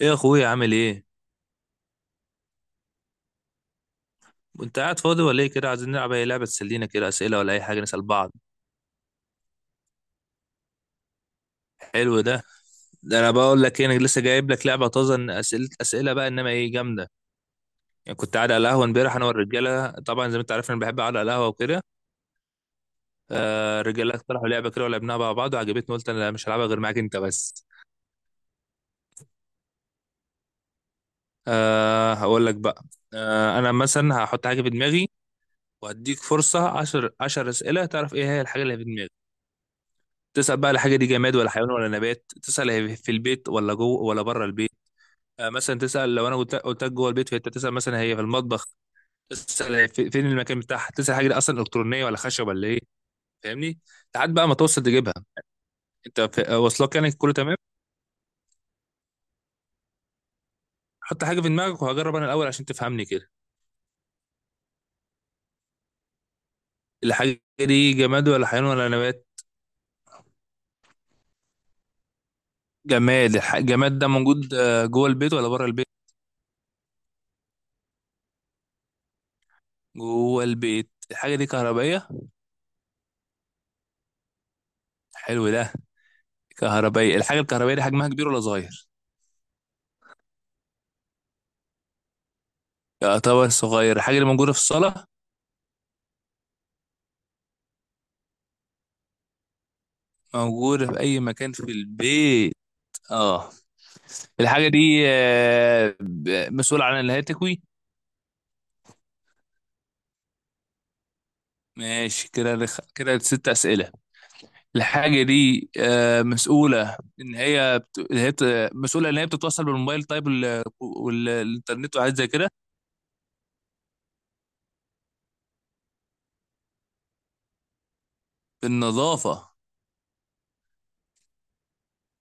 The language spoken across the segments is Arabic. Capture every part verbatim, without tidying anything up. ايه يا اخويا عامل ايه؟ انت قاعد فاضي ولا ايه كده؟ عايزين نلعب اي لعبه تسلينا كده، اسئله ولا اي حاجه نسال بعض. حلو ده. ده انا بقول لك ايه، انا لسه جايب لك لعبه طازه، إن اسئله اسئله بقى انما ايه جامده. يعني كنت قاعد على القهوه امبارح انا والرجاله، طبعا زي ما انت عارف انا بحب اقعد على القهوه وكده. آه، الرجاله اقترحوا لعبه كده ولعبناها مع بعض وعجبتني، قلت انا مش هلعبها غير معاك انت بس. آه، هقول لك بقى. آه، انا مثلا هحط حاجه في دماغي وهديك فرصه عشرة عشرة اسئله تعرف ايه هي الحاجه اللي في دماغي. تسأل بقى الحاجة دي جماد ولا حيوان ولا نبات، تسأل هي في البيت، ولا جوه ولا بره البيت. آه، مثلا تسأل لو انا قلت قلت لك جوه البيت، فانت تسأل مثلا هي في المطبخ. تسأل هي في فين المكان بتاعها، تسأل حاجة دي اصلا الكترونية ولا خشب ولا ايه. فاهمني؟ لحد بقى ما توصل تجيبها. انت في- آه، واصلك يعني كله تمام. حط حاجة في دماغك وهجرب انا الاول عشان تفهمني كده. الحاجة دي جماد ولا حيوان ولا نبات؟ جماد. الح- الجماد ده موجود آه، جوه البيت ولا بره البيت؟ جوه البيت. الحاجة دي كهربائية؟ حلو ده. كهربائية. الحاجة الكهربائية دي حجمها كبير ولا صغير؟ يعتبر صغير. الحاجة اللي موجودة في الصالة؟ موجودة في أي مكان في البيت. اه. الحاجة دي آه، ب- مسؤول عن الهاتفي؟ ماشي كده رخ... كده ست أسئلة. الحاجة دي آه، مسؤولة إن هي بت... الهات... مسؤولة إن هي بتتوصل بالموبايل، طيب وال... والإنترنت وحاجات زي كده. بالنظافة؟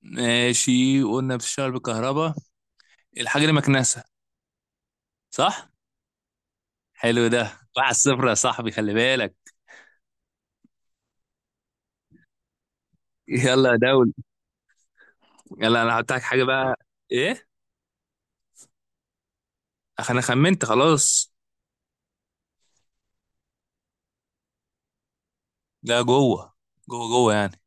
ماشي قلنا بتشتغل بالكهرباء. الحاجة دي مكنسة. صح؟ حلو ده، واحد صفر يا صاحبي، خلي بالك. يلا يا دولي، يلا انا هحط لك حاجه بقى. ايه؟ أخ- انا خمنت خلاص. ده جوه، جوه جوه يعني.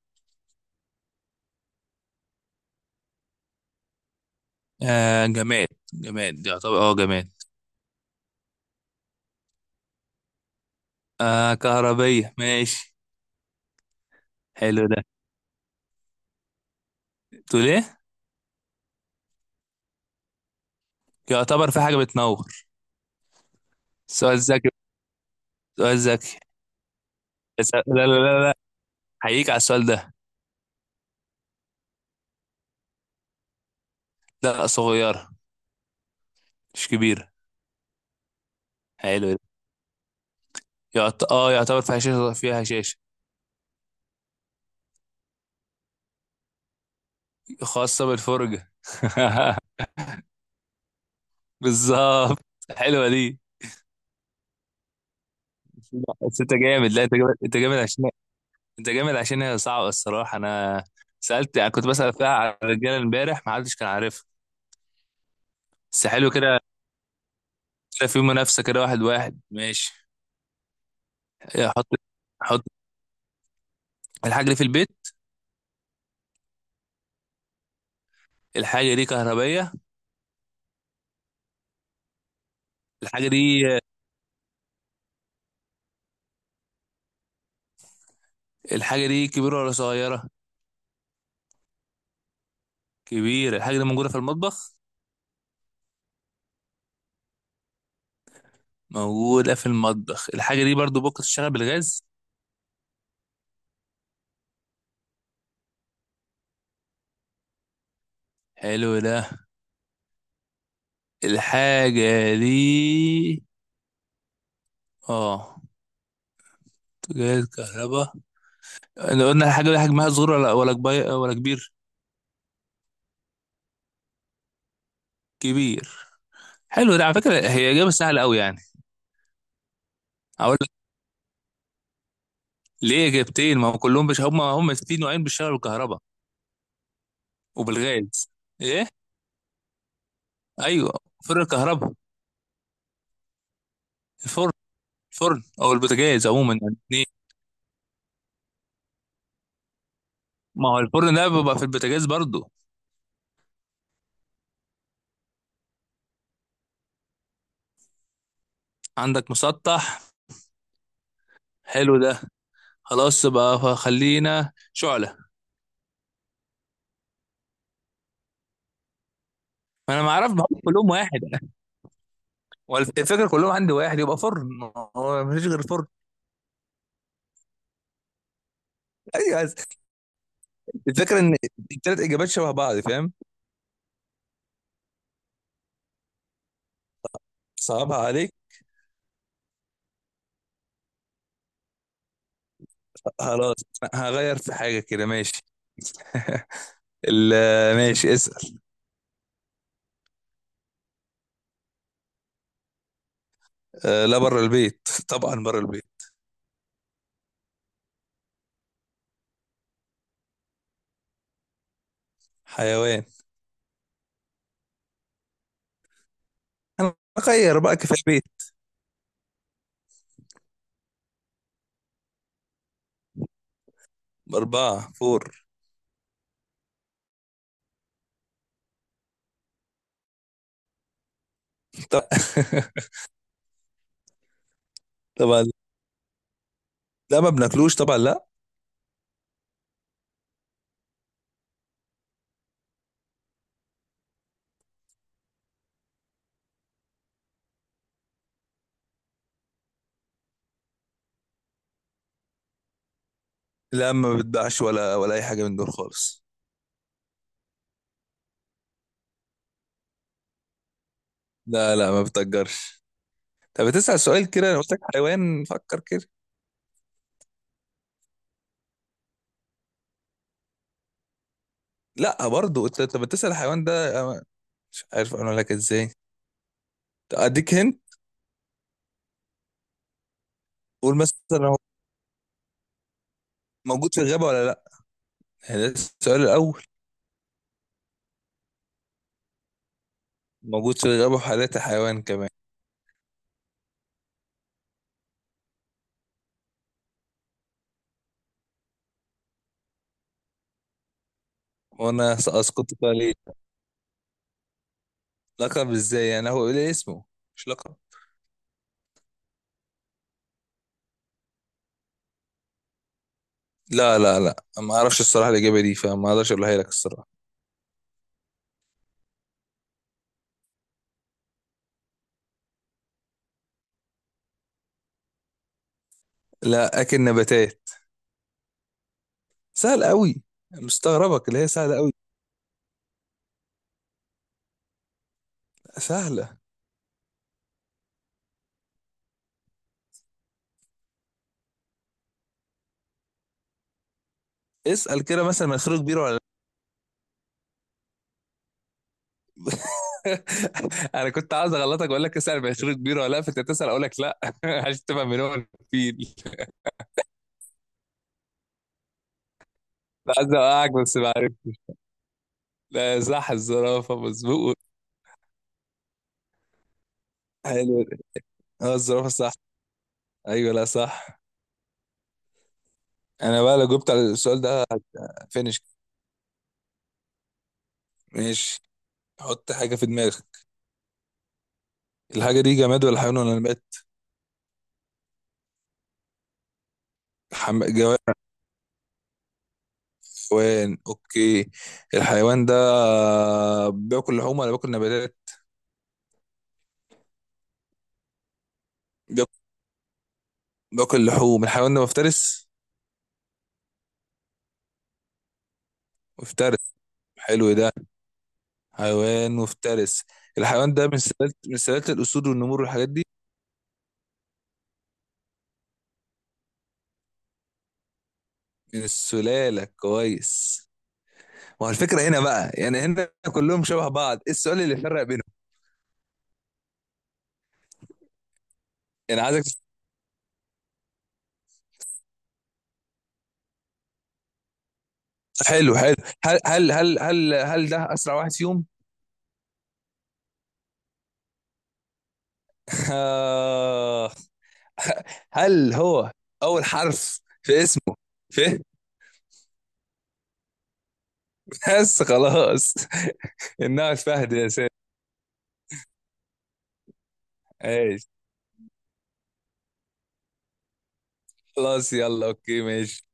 آه، جماد. جماد، يعتبر اه جماد. آه، كهربية، ماشي. حلو ده. تقول ايه؟ يعتبر في حاجه بتنور. سؤال ذكي. سؤال ذكي. بس- لا لا لا لا، هيجيك على السؤال ده. لا صغيره، مش كبيره. حلو ده. يعت... اه يعتبر فيها شاشه، فيها شاشه. خاصه بالفرجه. بالظبط. حلوة دي. لا، بس انت جامد، لا انت جامد، انت جامد عشان، انت جامد عشان هي صعبة الصراحة. انا سألت، يعني كنت بسأل فيها على الرجالة امبارح ما حدش كان عارفها. بس حلو كده، كده في منافسة كده، واحد واحد، ماشي. احط، احط. الحاجة دي في البيت. الحاجة دي كهربية. الحاجة دي، الحاجة دي كبيرة ولا صغيرة؟ كبيرة. الحاجة دي موجودة في المطبخ. موجودة في المطبخ. الحاجة دي برضو ممكن تشتغل بالغاز. حلو ده. الحاجة دي، اه، جهاز كهرباء. احنا قلنا الحاجة دي حجمها صغير ولا ولا كبير، ولا كبير؟ كبير. حلو ده، على فكره هي اجابه سهله قوي يعني. اقول لك ليه اجابتين، ما هم كلهم بش... هم هم في نوعين، بيشتغلوا بالكهرباء وبالغاز. ايه؟ ايوه، فرن الكهرباء. الفرن، الفرن او البوتاجاز عموما يعني، اتنين. ما هو الفرن ده بيبقى في البوتاجاز برضو. عندك مسطح، حلو ده، خلاص بقى فخلينا شعله. ما انا ما اعرف بحط كلهم واحد، والفكره كلهم عندي واحد يبقى فرن، ما هو مفيش غير فرن. ايوه. الفكره ان الثلاث اجابات شبه بعض، فاهم؟ صعبها عليك. خلاص، هغير في حاجة كده، ماشي. ال- ماشي، اسأل. آه، لا بره البيت، طبعا بره البيت. حيوان. انا اغير بقى كفاية البيت. أربعة، فور. طب- طبعا لا، ما بناكلوش طبعا، لا. لا ما بتباعش، ولا ولا أي حاجة من دول خالص. لا لا، ما بتأجرش. طب بتسأل سؤال كده، أنا قلت لك حيوان، فكر كده. لا برضه أنت، طب بتسأل الحيوان ده، أنا مش عارف أقول لك إزاي. طب أديك هنت، قول مثلا هو موجود في الغابة ولا لا. يعني ده السؤال الأول، موجود في الغابة وحالته حيوان كمان. وأنا سأسقط عليه. لقب إزاي يعني، هو ليه اسمه، مش لقب. لا لا لا، ما أعرفش الصراحة الإجابة دي، فما أقدرش أقولها لك الصراحة. لا، أكل نباتات. سهل قوي. مستغربك اللي هي سهلة قوي. سهلة. اسأل كده مثلا مناخيره كبيرة ولا لا. أنا كنت عاوز أغلطك وأقول لك اسأل مناخيره كبيرة ولا لا، فأنت تسأل أقول لك لا، عشان تفهم من هو، الفيل. كنت عايز أوقعك بس ما عرفتش. لا صح، الزرافة مظبوط. حلو. اه الزرافة صح. أيوه، لا صح. انا بقى لو جبت على السؤال ده، فينش. ماشي. حط حاجه في دماغك. الحاجه دي جماد ولا حيوان ولا نبات؟ حم... جماد، حيوان، اوكي. الحيوان ده بياكل لحوم ولا بياكل نباتات؟ بياكل, بياكل لحوم. الحيوان ده مفترس؟ مفترس، حلو ده، حيوان مفترس. الحيوان ده من سلالة، من سلالة الأسود والنمور والحاجات دي؟ من السلالة، كويس. ما هو الفكرة هنا بقى، يعني هنا كلهم شبه بعض، ايه السؤال اللي فرق بينهم؟ يعني عايزك، حلو حلو. هل هل هل هل هل ده اسرع واحد فيهم؟ آه. هل هو اول حرف في اسمه ف؟ بس خلاص. انها فهد يا سيد. ايش؟ خلاص يلا، اوكي ماشي.